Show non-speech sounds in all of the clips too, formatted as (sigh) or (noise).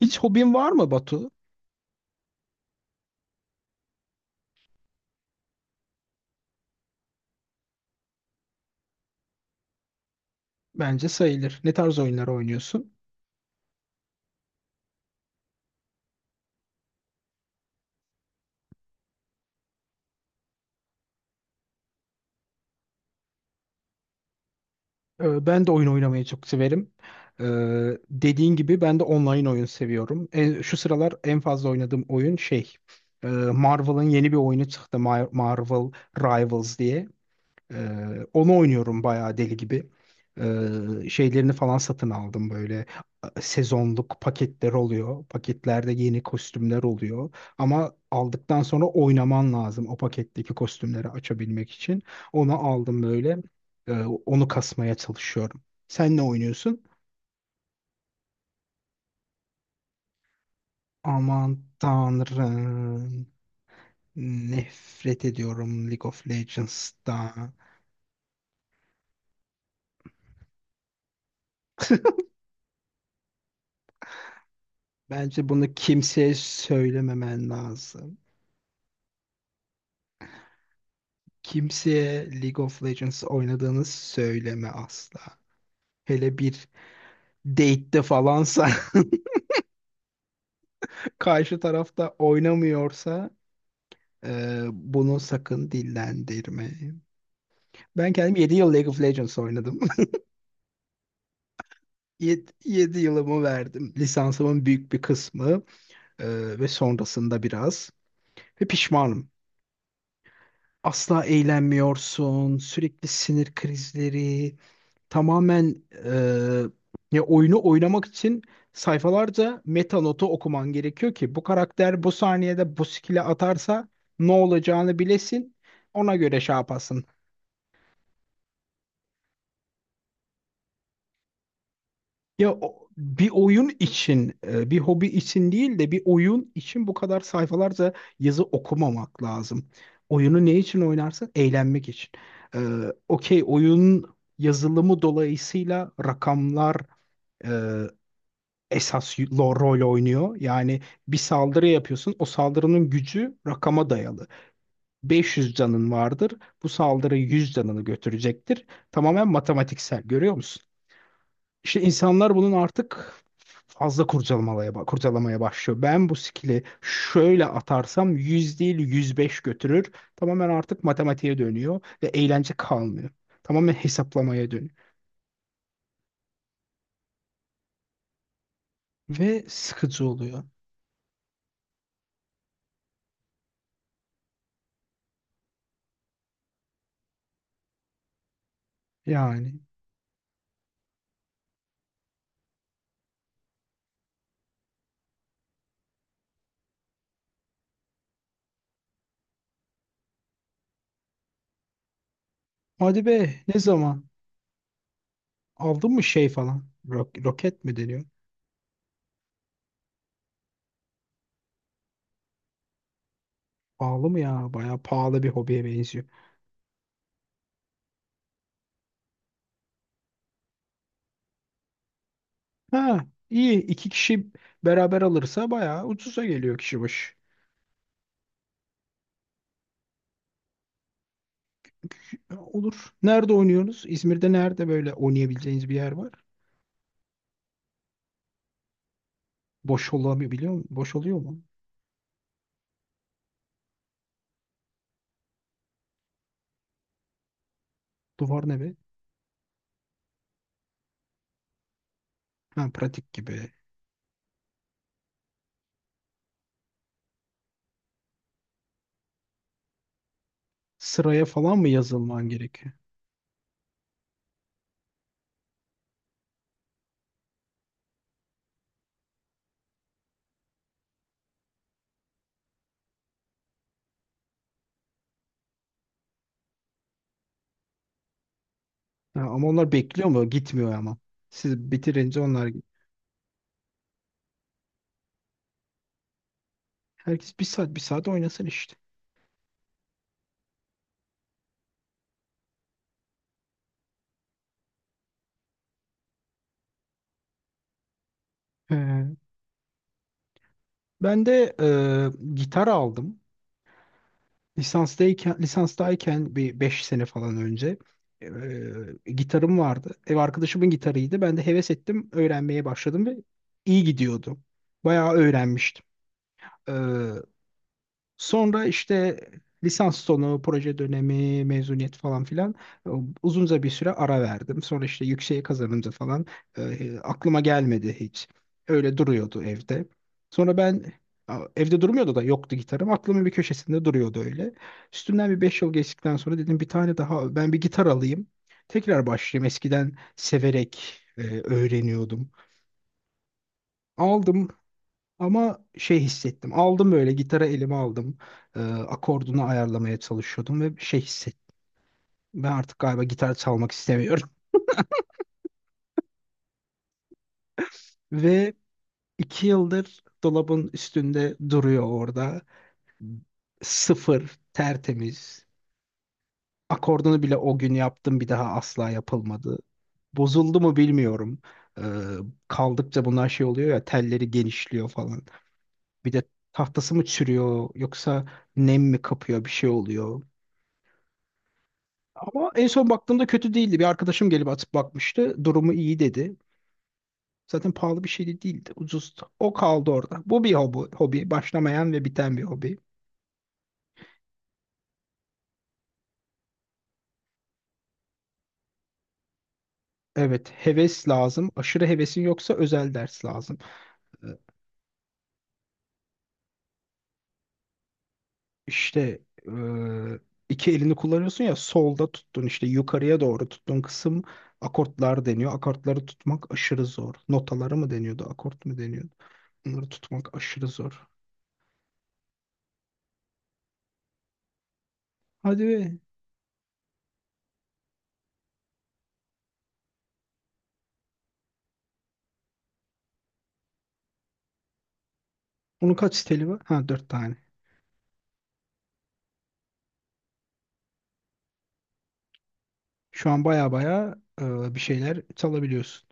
Hiç hobin var mı, Batu? Bence sayılır. Ne tarz oyunlar oynuyorsun? Ben de oyun oynamayı çok severim. Ee, Dediğin gibi ben de online oyun seviyorum. Şu sıralar en fazla oynadığım oyun şey. Marvel'ın yeni bir oyunu çıktı. Marvel Rivals diye. Onu oynuyorum bayağı deli gibi. Şeylerini falan satın aldım böyle, sezonluk paketler oluyor. Paketlerde yeni kostümler oluyor. Ama aldıktan sonra oynaman lazım o paketteki kostümleri açabilmek için. Onu aldım böyle. Ee, Onu kasmaya çalışıyorum. Sen ne oynuyorsun? Aman Tanrım. Nefret ediyorum League of Legends'tan. Bence bunu kimseye söylememen lazım. Kimseye League of Legends oynadığını söyleme asla. Hele bir date'te falansa (laughs) karşı tarafta oynamıyorsa, bunu sakın dillendirme. Ben kendim 7 yıl League of Legends oynadım. (laughs) 7 yılımı verdim. Lisansımın büyük bir kısmı ve sonrasında biraz. Ve pişmanım. Asla eğlenmiyorsun. Sürekli sinir krizleri. Tamamen, ya, oyunu oynamak için sayfalarca meta notu okuman gerekiyor ki bu karakter bu saniyede bu skill'i atarsa ne olacağını bilesin. Ona göre şey yapasın. Ya bir oyun için, bir hobi için değil de bir oyun için bu kadar sayfalarca yazı okumamak lazım. Oyunu ne için oynarsın? Eğlenmek için. E, Okey, oyun yazılımı dolayısıyla rakamlar esas rol oynuyor. Yani bir saldırı yapıyorsun. O saldırının gücü rakama dayalı. 500 canın vardır. Bu saldırı 100 canını götürecektir. Tamamen matematiksel görüyor musun? İşte insanlar bunun artık fazla kurcalamaya başlıyor. Ben bu skill'i şöyle atarsam 100 değil 105 götürür. Tamamen artık matematiğe dönüyor ve eğlence kalmıyor. Tamamen hesaplamaya dönüyor. Ve sıkıcı oluyor. Yani, hadi be, ne zaman? Aldın mı şey falan? Roket mi deniyor? Pahalı mı ya? Bayağı pahalı bir hobiye benziyor. Ha, iyi. İki kişi beraber alırsa bayağı ucuza geliyor kişi başı. Olur. Nerede oynuyoruz? İzmir'de nerede böyle oynayabileceğiniz bir yer var? Boş olamıyor biliyor musun? Boş oluyor mu? Duvar ne be? Ha, pratik gibi. Sıraya falan mı yazılman gerekiyor? Ha, ama onlar bekliyor mu? Gitmiyor ama. Siz bitirince onlar... Herkes bir saat bir saat oynasın işte. He. Ben de gitar aldım. Lisanstayken, bir 5 sene falan önce gitarım vardı. Ev arkadaşımın gitarıydı. Ben de heves ettim, öğrenmeye başladım ve iyi gidiyordu. Bayağı öğrenmiştim. Sonra işte lisans sonu, proje dönemi, mezuniyet falan filan, e, uzunca bir süre ara verdim. Sonra işte yükseğe kazanınca falan, aklıma gelmedi hiç. Öyle duruyordu evde. Sonra evde durmuyordu da, yoktu gitarım. Aklımın bir köşesinde duruyordu öyle. Üstünden bir 5 yıl geçtikten sonra dedim, bir tane daha ben bir gitar alayım. Tekrar başlayayım. Eskiden severek öğreniyordum. Aldım ama şey hissettim. Aldım, böyle gitarı elime aldım. Akordunu ayarlamaya çalışıyordum ve şey hissettim. Ben artık galiba gitar çalmak istemiyorum. (laughs) Ve 2 yıldır dolabın üstünde duruyor orada. Sıfır, tertemiz. Akordunu bile o gün yaptım, bir daha asla yapılmadı. Bozuldu mu bilmiyorum. Ee, Kaldıkça bunlar şey oluyor ya, telleri genişliyor falan. Bir de tahtası mı çürüyor yoksa nem mi kapıyor, bir şey oluyor. Ama en son baktığımda kötü değildi. Bir arkadaşım gelip atıp bakmıştı. Durumu iyi dedi. Zaten pahalı bir şey de değildi. Ucuzdu. O kaldı orada. Bu bir hobi, hobi. Başlamayan ve biten bir hobi. Evet, heves lazım. Aşırı hevesin yoksa özel ders lazım. Ee, İşte, eee, iki elini kullanıyorsun ya, solda tuttun işte yukarıya doğru tuttun kısım akortlar deniyor. Akortları tutmak aşırı zor. Notaları mı deniyordu, akort mu deniyordu? Bunları tutmak aşırı zor. Hadi be. Bunun kaç steli var? Ha, dört tane. Şu an baya baya bir şeyler çalabiliyorsun.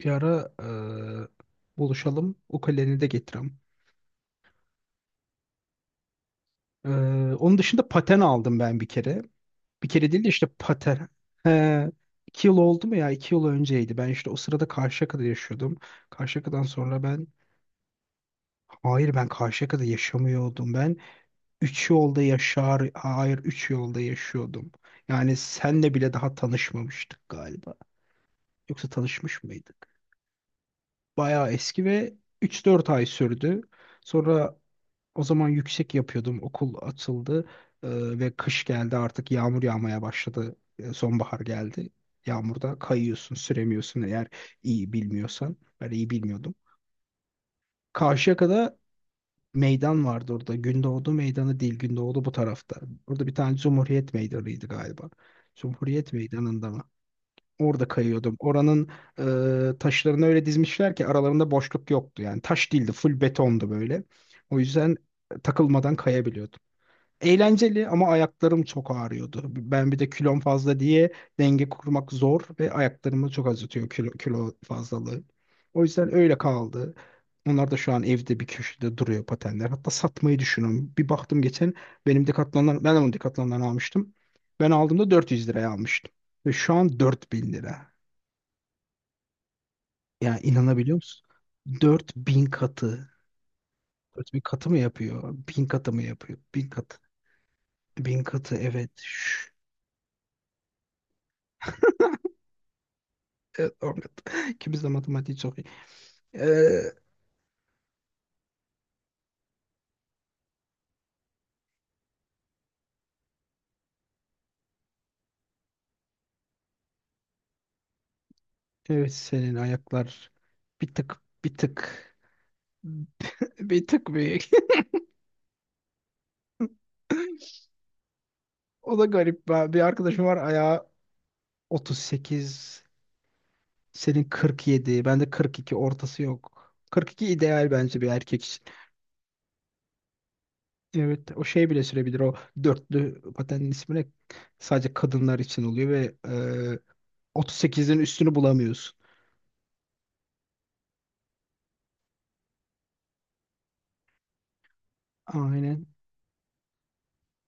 Bir ara buluşalım. Ukuleleni de getireyim. E, Onun dışında paten aldım ben bir kere. Bir kere değil de işte, paten. He, 2 yıl oldu mu ya? 2 yıl önceydi. Ben işte o sırada Karşıyaka'da yaşıyordum. Karşıyaka'dan sonra ben... Hayır, ben Karşıyaka'da yaşamıyordum. Ben üç yolda yaşar... Hayır, üç yolda yaşıyordum. Yani senle bile daha tanışmamıştık galiba. Yoksa tanışmış mıydık? Bayağı eski ve 3-4 ay sürdü. Sonra, o zaman yüksek yapıyordum. Okul açıldı ve kış geldi, artık yağmur yağmaya başladı. Sonbahar geldi. Yağmurda kayıyorsun, süremiyorsun eğer iyi bilmiyorsan. Ben iyi bilmiyordum. Karşıyaka'da meydan vardı orada. Gündoğdu Meydanı değil, Gündoğdu bu tarafta. Orada bir tane Cumhuriyet Meydanı'ydı galiba. Cumhuriyet Meydanı'nda mı? Orada kayıyordum. Oranın taşlarını öyle dizmişler ki aralarında boşluk yoktu. Yani taş değildi, full betondu böyle. O yüzden takılmadan kayabiliyordum. Eğlenceli ama ayaklarım çok ağrıyordu. Ben bir de kilom fazla diye denge kurmak zor ve ayaklarımı çok acıtıyor, kilo fazlalığı. O yüzden öyle kaldı. Onlar da şu an evde bir köşede duruyor, patenler. Hatta satmayı düşünüyorum. Bir baktım geçen, ben onu Decathlon'dan almıştım. Ben aldığımda 400 liraya almıştım. Ve şu an 4000 lira. Ya, inanabiliyor musun? 4000 katı. 4000 katı mı yapıyor? 1000 katı mı yapıyor? 1000 katı. 1000 katı evet. Şşş. Evet, Ahmet. (laughs) İkimiz de matematiği çok iyi. Ee, evet, senin ayaklar bir tık bir tık bir tık büyük. (laughs) O da garip. Ben, bir arkadaşım var ayağı 38. Senin 47. Bende 42 ortası yok. 42 ideal bence bir erkek. Evet, o şey bile sürebilir. O dörtlü patenin ismi ne? Sadece kadınlar için oluyor ve 38'in üstünü bulamıyorsun. Aynen.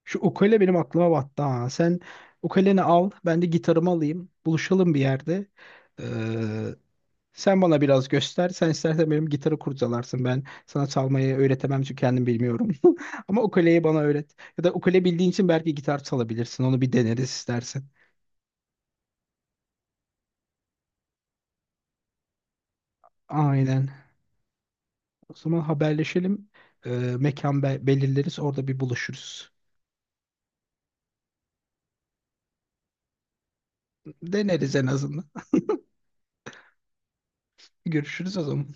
Şu ukule benim aklıma battı ha. Sen ukuleni al, ben de gitarımı alayım. Buluşalım bir yerde. E, Sen bana biraz göster. Sen istersen benim gitarı kurcalarsın. Ben sana çalmayı öğretemem çünkü kendim bilmiyorum. (laughs) Ama ukuleyi bana öğret. Ya da ukule bildiğin için belki gitar çalabilirsin. Onu bir deneriz istersen. Aynen. O zaman haberleşelim. Ee, mekan belirleriz. Orada bir buluşuruz. Deneriz en azından. Görüşürüz o zaman.